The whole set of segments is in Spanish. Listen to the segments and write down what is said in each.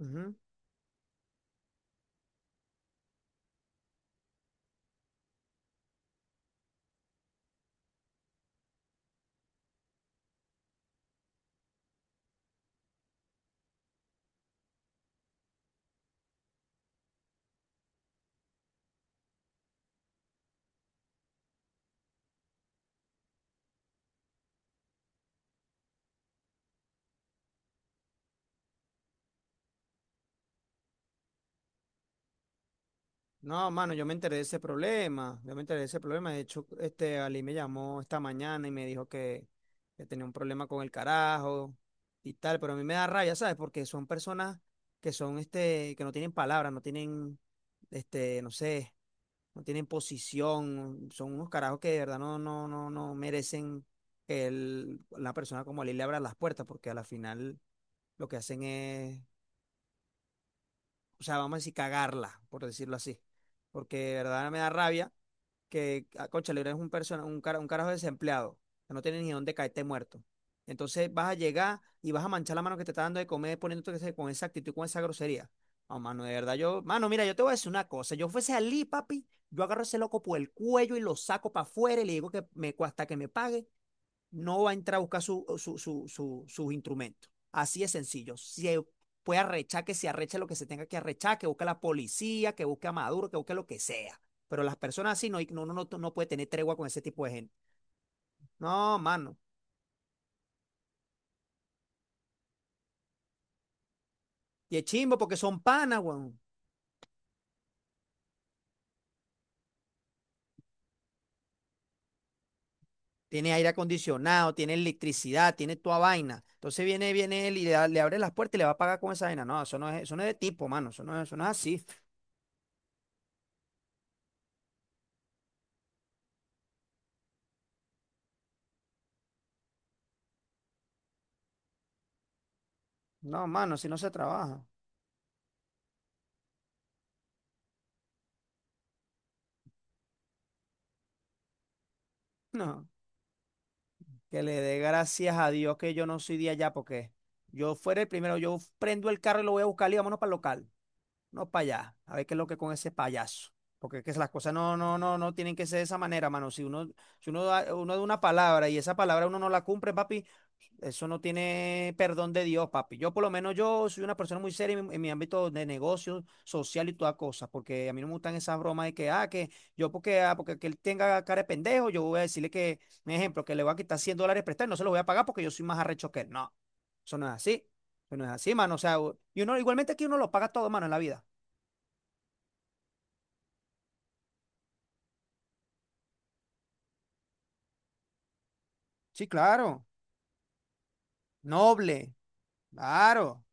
Ujú. No, mano, yo me enteré de ese problema. Yo me enteré de ese problema. De hecho, este Ali me llamó esta mañana y me dijo que tenía un problema con el carajo y tal. Pero a mí me da rabia, ¿sabes? Porque son personas que son este, que no tienen palabras, no tienen, este, no sé, no tienen posición. Son unos carajos que de verdad no, no, no, no merecen que la persona como Ali le abra las puertas, porque a la final lo que hacen es, o sea, vamos a decir, cagarla, por decirlo así. Porque de verdad me da rabia que, ah, cónchale, eres un carajo desempleado, que no tienes ni dónde caerte muerto. Entonces vas a llegar y vas a manchar la mano que te está dando de comer poniéndote con esa actitud, con esa grosería. No, mano, de verdad, yo, mano, mira, yo te voy a decir una cosa. Yo fuese Ali, papi, yo agarro a ese loco por el cuello y lo saco para afuera y le digo que hasta que me pague, no va a entrar a buscar sus instrumentos. Así es sencillo. Si puede arrechar, que se arreche lo que se tenga que arrechar, que busque a la policía, que busque a Maduro, que busque lo que sea. Pero las personas así no, no, no, no puede tener tregua con ese tipo de gente. No, mano. Y es chimbo porque son panas, weón. Tiene aire acondicionado, tiene electricidad, tiene toda vaina. Entonces viene él y le abre las puertas y le va a pagar con esa vaina. No, eso no es de tipo, mano. Eso no es así. No, mano, así no se trabaja. No. Que le dé gracias a Dios que yo no soy de allá, porque yo fuera el primero, yo prendo el carro y lo voy a buscar y vámonos para el local, no para allá, a ver qué es lo que con ese payaso. Porque es que las cosas no, no, no, no tienen que ser de esa manera, mano. Si uno da una palabra y esa palabra uno no la cumple, papi, eso no tiene perdón de Dios, papi. Yo por lo menos yo soy una persona muy seria en mi ámbito de negocio, social y toda cosa, porque a mí no me gustan esas bromas de que, ah, que yo porque, ah, porque que él tenga cara de pendejo, yo voy a decirle que, un ejemplo, que le voy a quitar $100 prestados y no se los voy a pagar porque yo soy más arrecho que él. No, eso no es así. Eso no es así, mano. O sea, y uno, igualmente aquí uno lo paga todo, mano, en la vida. Sí, claro. Noble. Claro.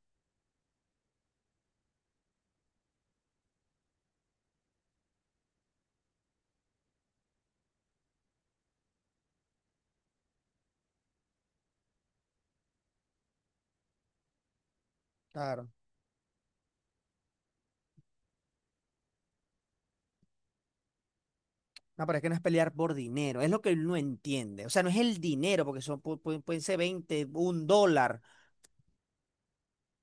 Claro. No, pero es que no es pelear por dinero, es lo que él no entiende. O sea, no es el dinero, porque pueden ser 20, $1.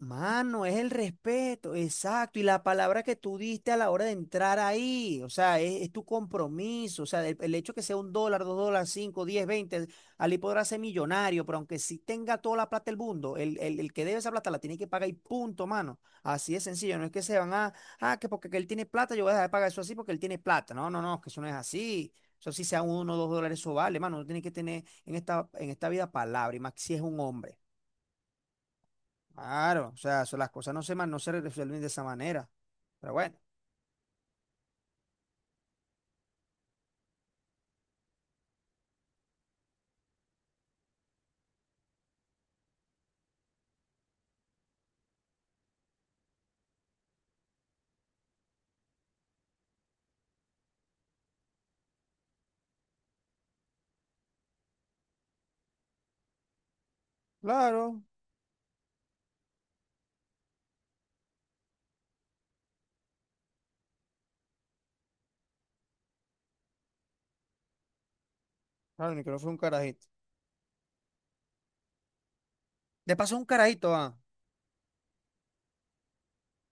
Mano, es el respeto, exacto, y la palabra que tú diste a la hora de entrar ahí, o sea, es tu compromiso, o sea, el hecho que sea $1, $2, cinco, diez, veinte, Ali podrá ser millonario, pero aunque sí tenga toda la plata del mundo, el que debe esa plata la tiene que pagar y punto, mano, así es sencillo, no es que se van a, ah, que porque que él tiene plata, yo voy a dejar de pagar eso así porque él tiene plata, no, no, no, que eso no es así, eso sí sea uno o dos dólares, eso vale, mano, uno tiene que tener en esta vida palabra, y más si es un hombre. Claro, o sea, las cosas no se resuelven de esa manera. Pero bueno, claro, claro, Nicolás fue un carajito. De paso, un carajito, ah.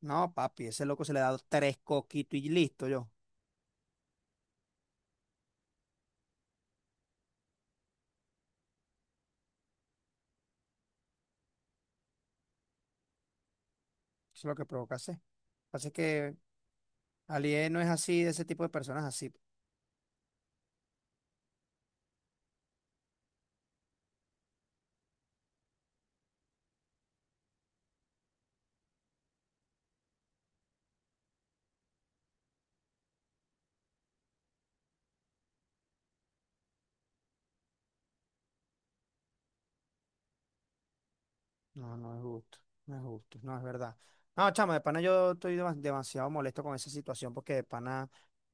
No, papi, ese loco se le ha dado tres coquitos y listo, yo. Eso es lo que provoca hacer. Así que Alié no es así, de ese tipo de personas así. No, no es justo, no es justo, no es verdad. No, chama, de pana yo estoy demasiado molesto con esa situación porque de pana.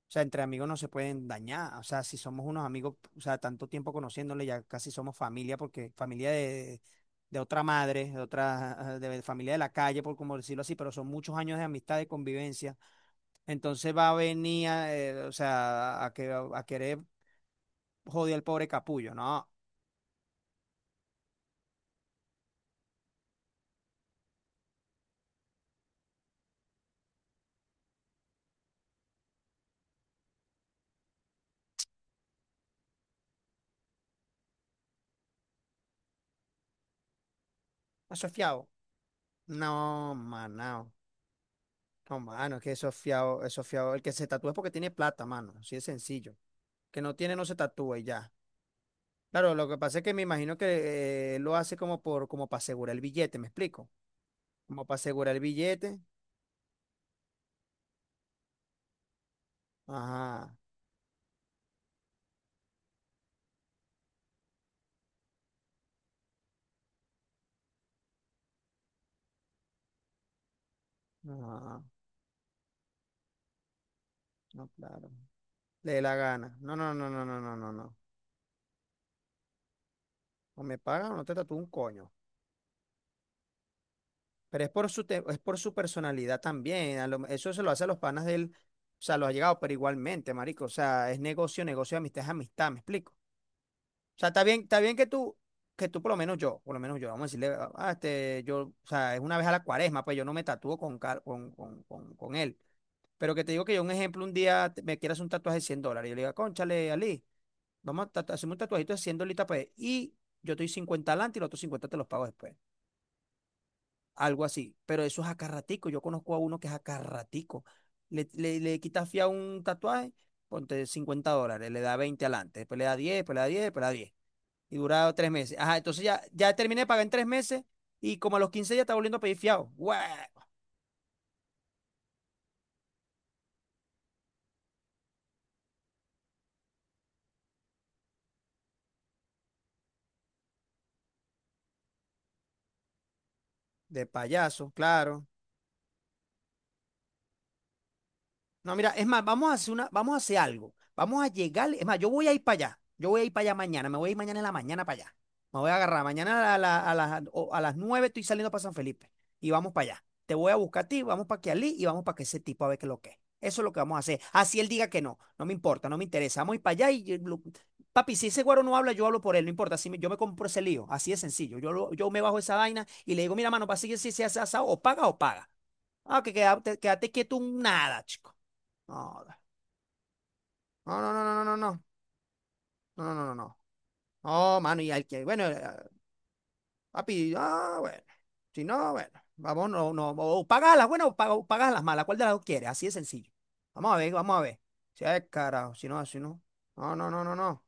O sea, entre amigos no se pueden dañar. O sea, si somos unos amigos, o sea, tanto tiempo conociéndole, ya casi somos familia, porque familia de otra madre, de familia de la calle, por como decirlo así, pero son muchos años de amistad, de convivencia. Entonces va a venir, o sea, a querer joder al pobre capullo. No, eso es fiado. No, mano. No, mano, es que eso es fiado, eso es fiado. El que se tatúa es porque tiene plata, mano. Así de sencillo. Que no tiene, no se tatúa y ya. Claro, lo que pasa es que me imagino que lo hace como para asegurar el billete, ¿me explico? Como para asegurar el billete. Ajá, ajá, no, claro. Le dé la gana. No, no, no, no, no, no, no, no. O me pagan o no te tatúo un coño. Pero es por su personalidad también. Eso se lo hace a los panas de él. O sea, lo ha llegado, pero igualmente, marico. O sea, es negocio, negocio, amistad es amistad, ¿me explico? O sea, está bien que tú por lo menos yo, por lo menos yo, vamos a decirle, ah, ah, este, yo, o sea, es una vez a la cuaresma, pues yo no me tatúo con, car- con él. Pero que te digo que yo, un ejemplo, un día me quieras un tatuaje de $100. Yo le digo, cónchale, Ali, hacemos un tatuajito de 100 dolitas, pues, y yo estoy 50 adelante y los otros 50 te los pago después. Algo así. Pero eso es acarratico. Yo conozco a uno que es acarratico. Le quitas fía un tatuaje, ponte $50, le da 20 adelante, después le da 10 después le da 10 después le da 10. Y duraba 3 meses. Ajá, entonces ya terminé de pagar en 3 meses y como a los 15 ya estaba volviendo a pedir fiado. ¡Guau! De payaso, claro. No, mira, es más, vamos a hacer algo. Vamos a llegar, es más, yo voy a ir para allá. Yo voy a ir para allá mañana, me voy a ir mañana en la mañana para allá. Me voy a agarrar mañana a, la- a las, o- a las 9 estoy saliendo para San Felipe y vamos para allá. Te voy a buscar a ti, vamos para que Kialí y vamos para que ese tipo a ver qué es lo que es. Eso es lo que vamos a hacer. Así él diga que no, no me importa, no me interesa. Vamos a ir para allá y papi, si ese güero no habla, yo hablo por él, no importa. Si me- Yo me compro ese lío, así de sencillo. Yo me bajo esa vaina y le digo, mira, mano, para seguir si se hace asado, o paga o paga. Ah, que quédate quieto un nada, chico. No, no, no, no, no, no, no, no, no, no, no, no. No, mano, y al que, bueno, papi, ah, bueno. Si no, bueno, vamos, no, no, o pagas a las buenas o pagas, a las malas, ¿cuál de las dos quieres? Así de sencillo. Vamos a ver, vamos a ver. Si es carajo, si no, así no. No, no, no, no, no.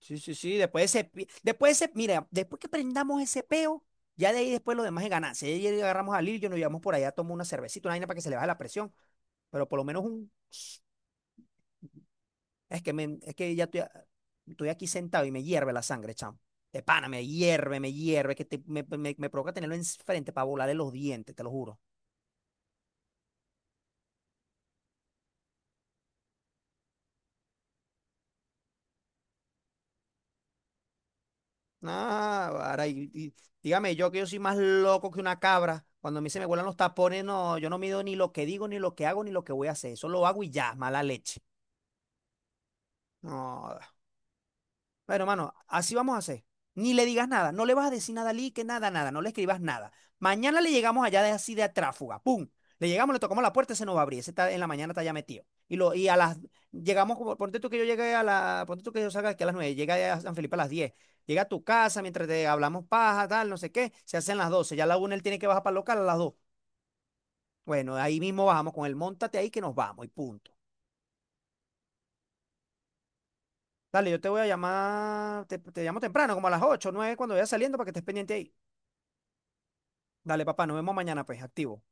Sí, sí, sí, después ese, pi- después ese, mira, después que prendamos ese peo, ya de ahí después lo demás es ganancia. Y ayer agarramos a Lil, yo nos llevamos por allá, tomamos una cervecita, una vaina para que se le baje la presión, pero por lo menos un Es que ya estoy aquí sentado y me hierve la sangre, chamo. De pana, me hierve, que te- me- me provoca tenerlo enfrente para volarle los dientes, te lo juro. Ah, ahora, y dígame yo que yo soy más loco que una cabra. Cuando a mí se me vuelan los tapones, no, yo no mido ni lo que digo, ni lo que hago, ni lo que voy a hacer. Eso lo hago y ya, mala leche. No. Bueno, mano, así vamos a hacer. Ni le digas nada, no le vas a decir nada a Lee, que nada, nada, no le escribas nada. Mañana le llegamos allá de así de Tráfuga, ¡pum! Le llegamos, le tocamos la puerta, se nos va a abrir, ese está en la mañana está ya metido. Y, lo, y a las, llegamos, Ponte tú que yo salga aquí a las 9, llega a San Felipe a las 10. Llega a tu casa mientras te hablamos paja, tal, no sé qué, se hacen las 12. Ya a la 1 él tiene que bajar para el local a las 2. Bueno, ahí mismo bajamos con él, montate ahí que nos vamos y punto. Dale, yo te voy a llamar, te llamo temprano, como a las 8, 9 cuando vaya saliendo para que estés pendiente ahí. Dale, papá, nos vemos mañana, pues, activo.